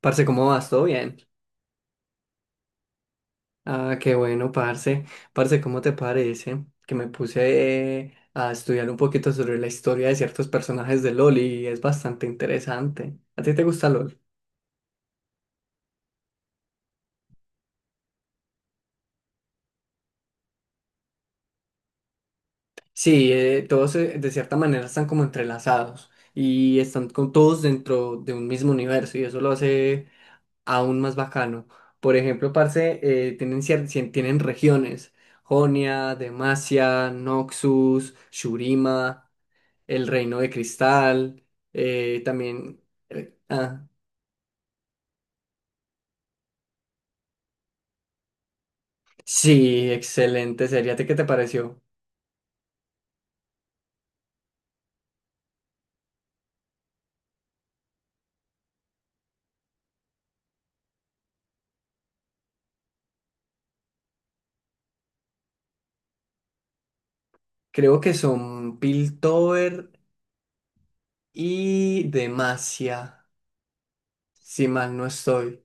Parce, ¿cómo vas? ¿Todo bien? Ah, qué bueno, parce. Parce, ¿cómo te parece que me puse a estudiar un poquito sobre la historia de ciertos personajes de LOL y es bastante interesante? ¿A ti te gusta LOL? Sí, todos de cierta manera están como entrelazados y están con todos dentro de un mismo universo y eso lo hace aún más bacano. Por ejemplo, parce, tienen, tienen regiones. Jonia, Demacia, Noxus, Shurima. El Reino de Cristal, eh, también... eh, ah, sí, excelente serie. ¿A ti qué te pareció? Creo que son Piltover y Demacia, si mal no estoy.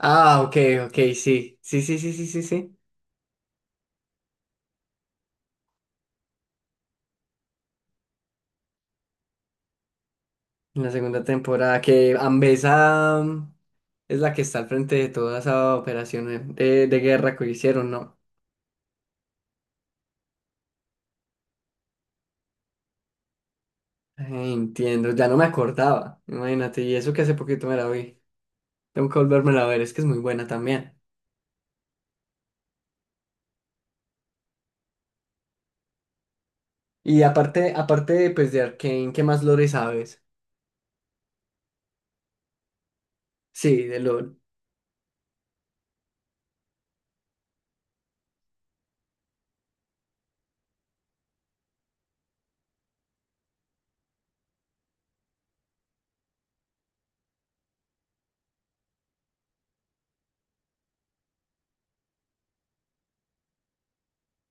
Ah, ok, ok, sí. Sí, sí, sí, sí, sí, sí. En la segunda temporada, que Ambesa es la que está al frente de toda esa operación de guerra que hicieron, ¿no? Eh, entiendo, ya no me acordaba, imagínate, y eso que hace poquito me la vi. Tengo que volvérmela a ver, es que es muy buena también. Y aparte, aparte pues, de Arcane, ¿qué más lore sabes? Sí, de lore.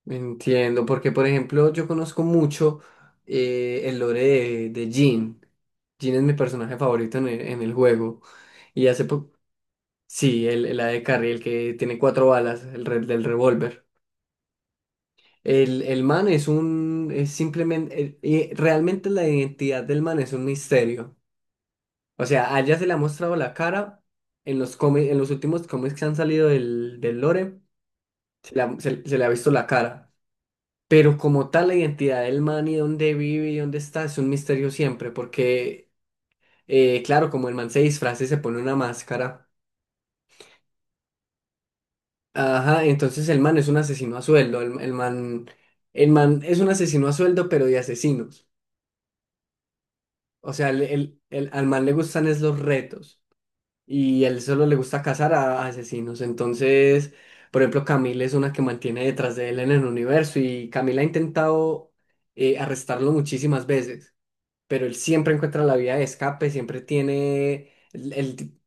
Entiendo, porque por ejemplo, yo conozco mucho el lore de Jhin. Jhin es mi personaje favorito en el juego. Y hace poco. Sí, el AD Carry, el que tiene cuatro balas, del revólver. El man es un. Es simplemente. Y realmente la identidad del man es un misterio. O sea, a ella se le ha mostrado la cara en los cómics, en los últimos cómics que han salido del lore, se le ha visto la cara. Pero como tal, la identidad del man y dónde vive y dónde está es un misterio siempre, porque, claro, como el man se disfraza y se pone una máscara, ajá, entonces el man es un asesino a sueldo, el man es un asesino a sueldo, pero de asesinos. O sea, al man le gustan es los retos. Y él solo le gusta cazar a asesinos. Entonces, por ejemplo, Camila es una que mantiene detrás de él en el universo y Camila ha intentado arrestarlo muchísimas veces, pero él siempre encuentra la vía de escape, siempre tiene el...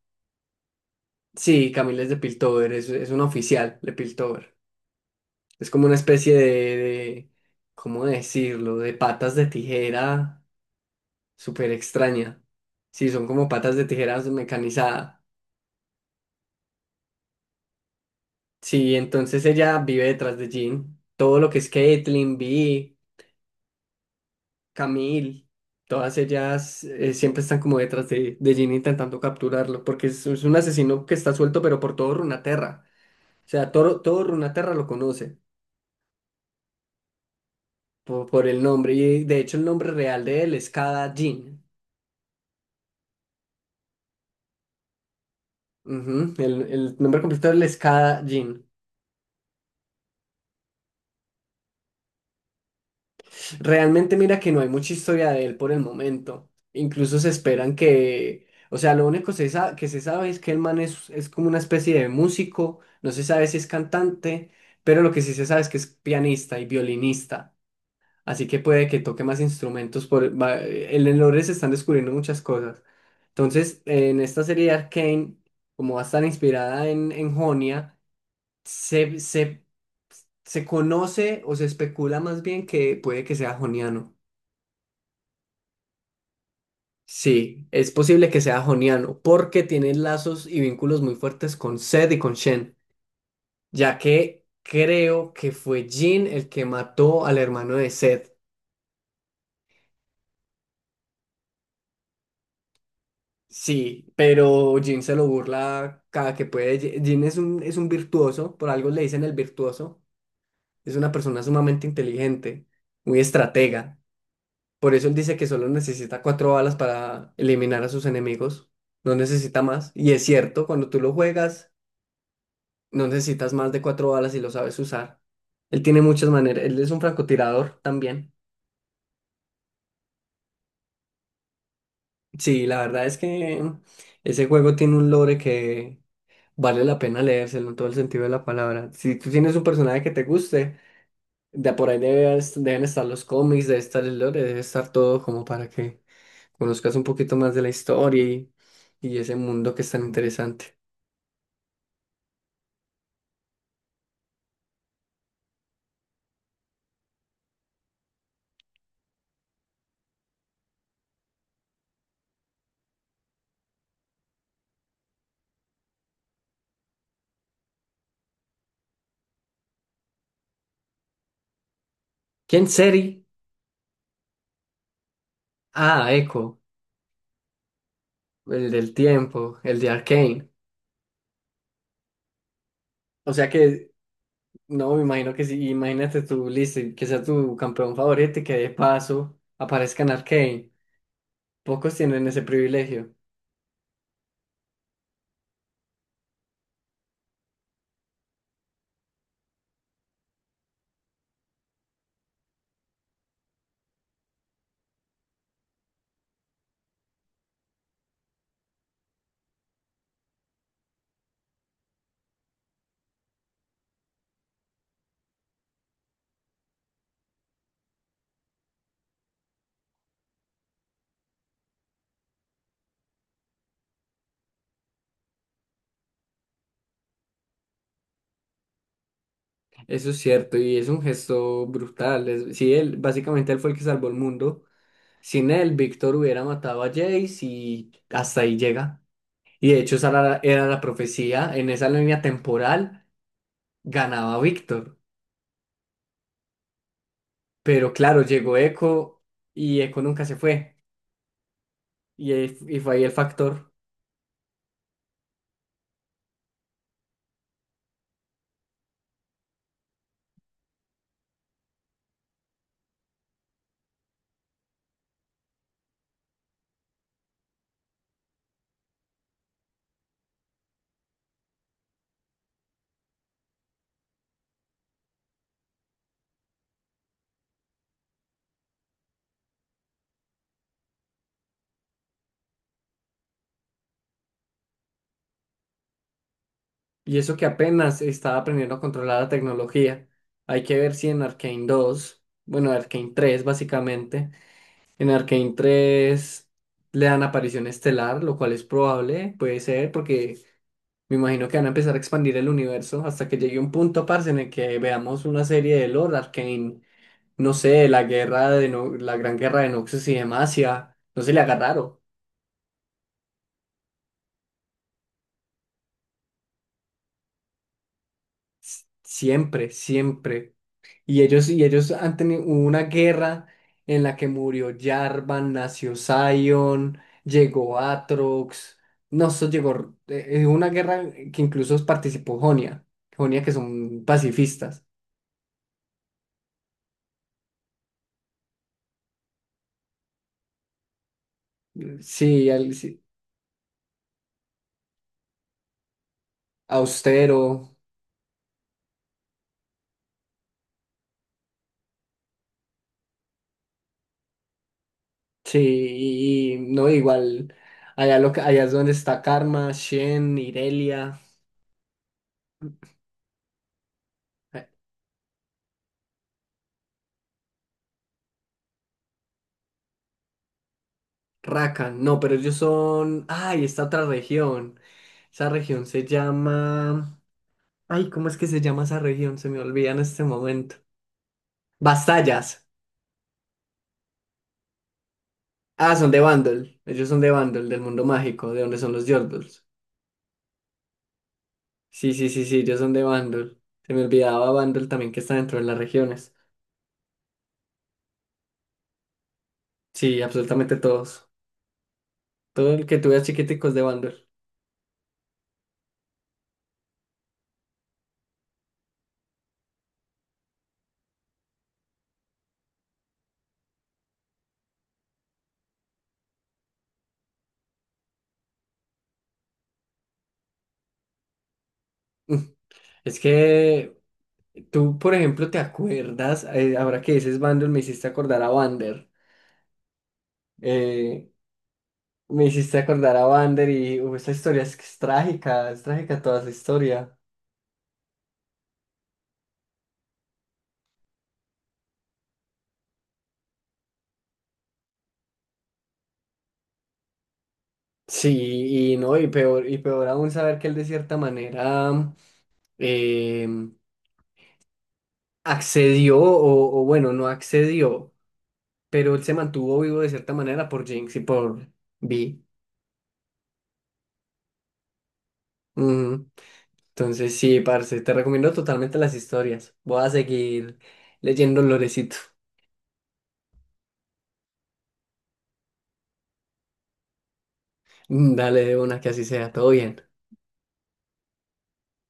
sí, Camila es de Piltover, es una oficial de Piltover. Es como una especie ¿cómo decirlo? De patas de tijera súper extraña. Sí, son como patas de tijeras mecanizadas. Sí, entonces ella vive detrás de Jean. Todo lo que es Caitlyn, Vi, Camille, todas ellas siempre están como detrás de Jean intentando capturarlo, porque es un asesino que está suelto, pero por todo Runaterra. O sea, todo, todo Runaterra lo conoce por el nombre, y de hecho el nombre real de él es Cada Jean. Ujú. El nombre completo de él es Cada. Realmente mira que no hay mucha historia de él por el momento. Incluso se esperan que, o sea, lo único que se sabe es que el man es como una especie de músico, no se sabe si es cantante, pero lo que sí se sabe es que es pianista y violinista, así que puede que toque más instrumentos. En el lore se están descubriendo muchas cosas. Entonces, en esta serie de Arcane, como va a estar inspirada en Jonia, se, se, se conoce o se especula más bien que puede que sea joniano. Sí, es posible que sea joniano, porque tiene lazos y vínculos muy fuertes con Sed y con Shen, ya que creo que fue Jin el que mató al hermano de Sed. Sí, pero Jin se lo burla cada que puede. Jin es un virtuoso, por algo le dicen el virtuoso. Es una persona sumamente inteligente, muy estratega. Por eso él dice que solo necesita cuatro balas para eliminar a sus enemigos. No necesita más. Y es cierto, cuando tú lo juegas. No necesitas más de cuatro balas si lo sabes usar. Él tiene muchas maneras. Él es un francotirador también. Sí, la verdad es que ese juego tiene un lore que vale la pena leérselo en todo el sentido de la palabra. Si tú tienes un personaje que te guste, de por ahí deben estar los cómics, debe estar el lore, debe estar todo como para que conozcas un poquito más de la historia y ese mundo que es tan interesante. ¿Quién sería? Ah, Echo, el del tiempo, el de Arcane. O sea que no, me imagino que sí. Imagínate tú, listo, y que sea tu campeón favorito y que de paso aparezca en Arcane. Pocos tienen ese privilegio. Eso es cierto y es un gesto brutal. Sí, él, básicamente él fue el que salvó el mundo. Sin él, Víctor hubiera matado a Jace y hasta ahí llega. Y de hecho, esa era, era la profecía. En esa línea temporal ganaba Víctor. Pero claro, llegó Echo y Echo nunca se fue. Y, y fue ahí el factor. Y eso que apenas estaba aprendiendo a controlar la tecnología. Hay que ver si en Arcane 2 bueno, Arcane 3 básicamente, en Arcane 3 le dan aparición estelar, lo cual es probable, puede ser, porque me imagino que van a empezar a expandir el universo hasta que llegue un punto, parce, en el que veamos una serie de lore Arcane, no sé, la guerra de No- la gran guerra de Noxus y Demacia, no se le haga raro. Siempre, siempre. Y ellos han tenido hubo una guerra en la que murió Jarvan, nació Sion, llegó Aatrox. No, eso llegó. Una guerra que incluso participó Jonia. Jonia que son pacifistas. Sí, sí, austero. Sí, y no, igual. Allá, allá es donde está Karma, Shen, Irelia, eh, Rakan. No, pero ellos son. ¡Ay! Esta otra región. Esa región se llama. Ay, ¿cómo es que se llama esa región? Se me olvida en este momento. Bastallas. Ah, son de Vandal. Ellos son de Vandal, del mundo mágico, de donde son los Yordles. Sí, sí, sí, sí, ellos son de Vandal. Se me olvidaba Vandal también que está dentro de las regiones. Sí, absolutamente todos. Todo el que tú veas chiquiticos de Vandal. Es que tú, por ejemplo, te acuerdas, ahora que dices Vandal, me hiciste acordar a Vander. Eh, me hiciste acordar a Vander y esa historia es, que es trágica toda esa historia. Sí, y no, y peor aún saber que él de cierta manera em, accedió, o bueno, no accedió, pero él se mantuvo vivo de cierta manera por Jinx y por Vi. Ujú. Entonces, sí, parce, te recomiendo totalmente las historias. Voy a seguir leyendo Lorecito. Mm, dale de una que así sea, todo bien.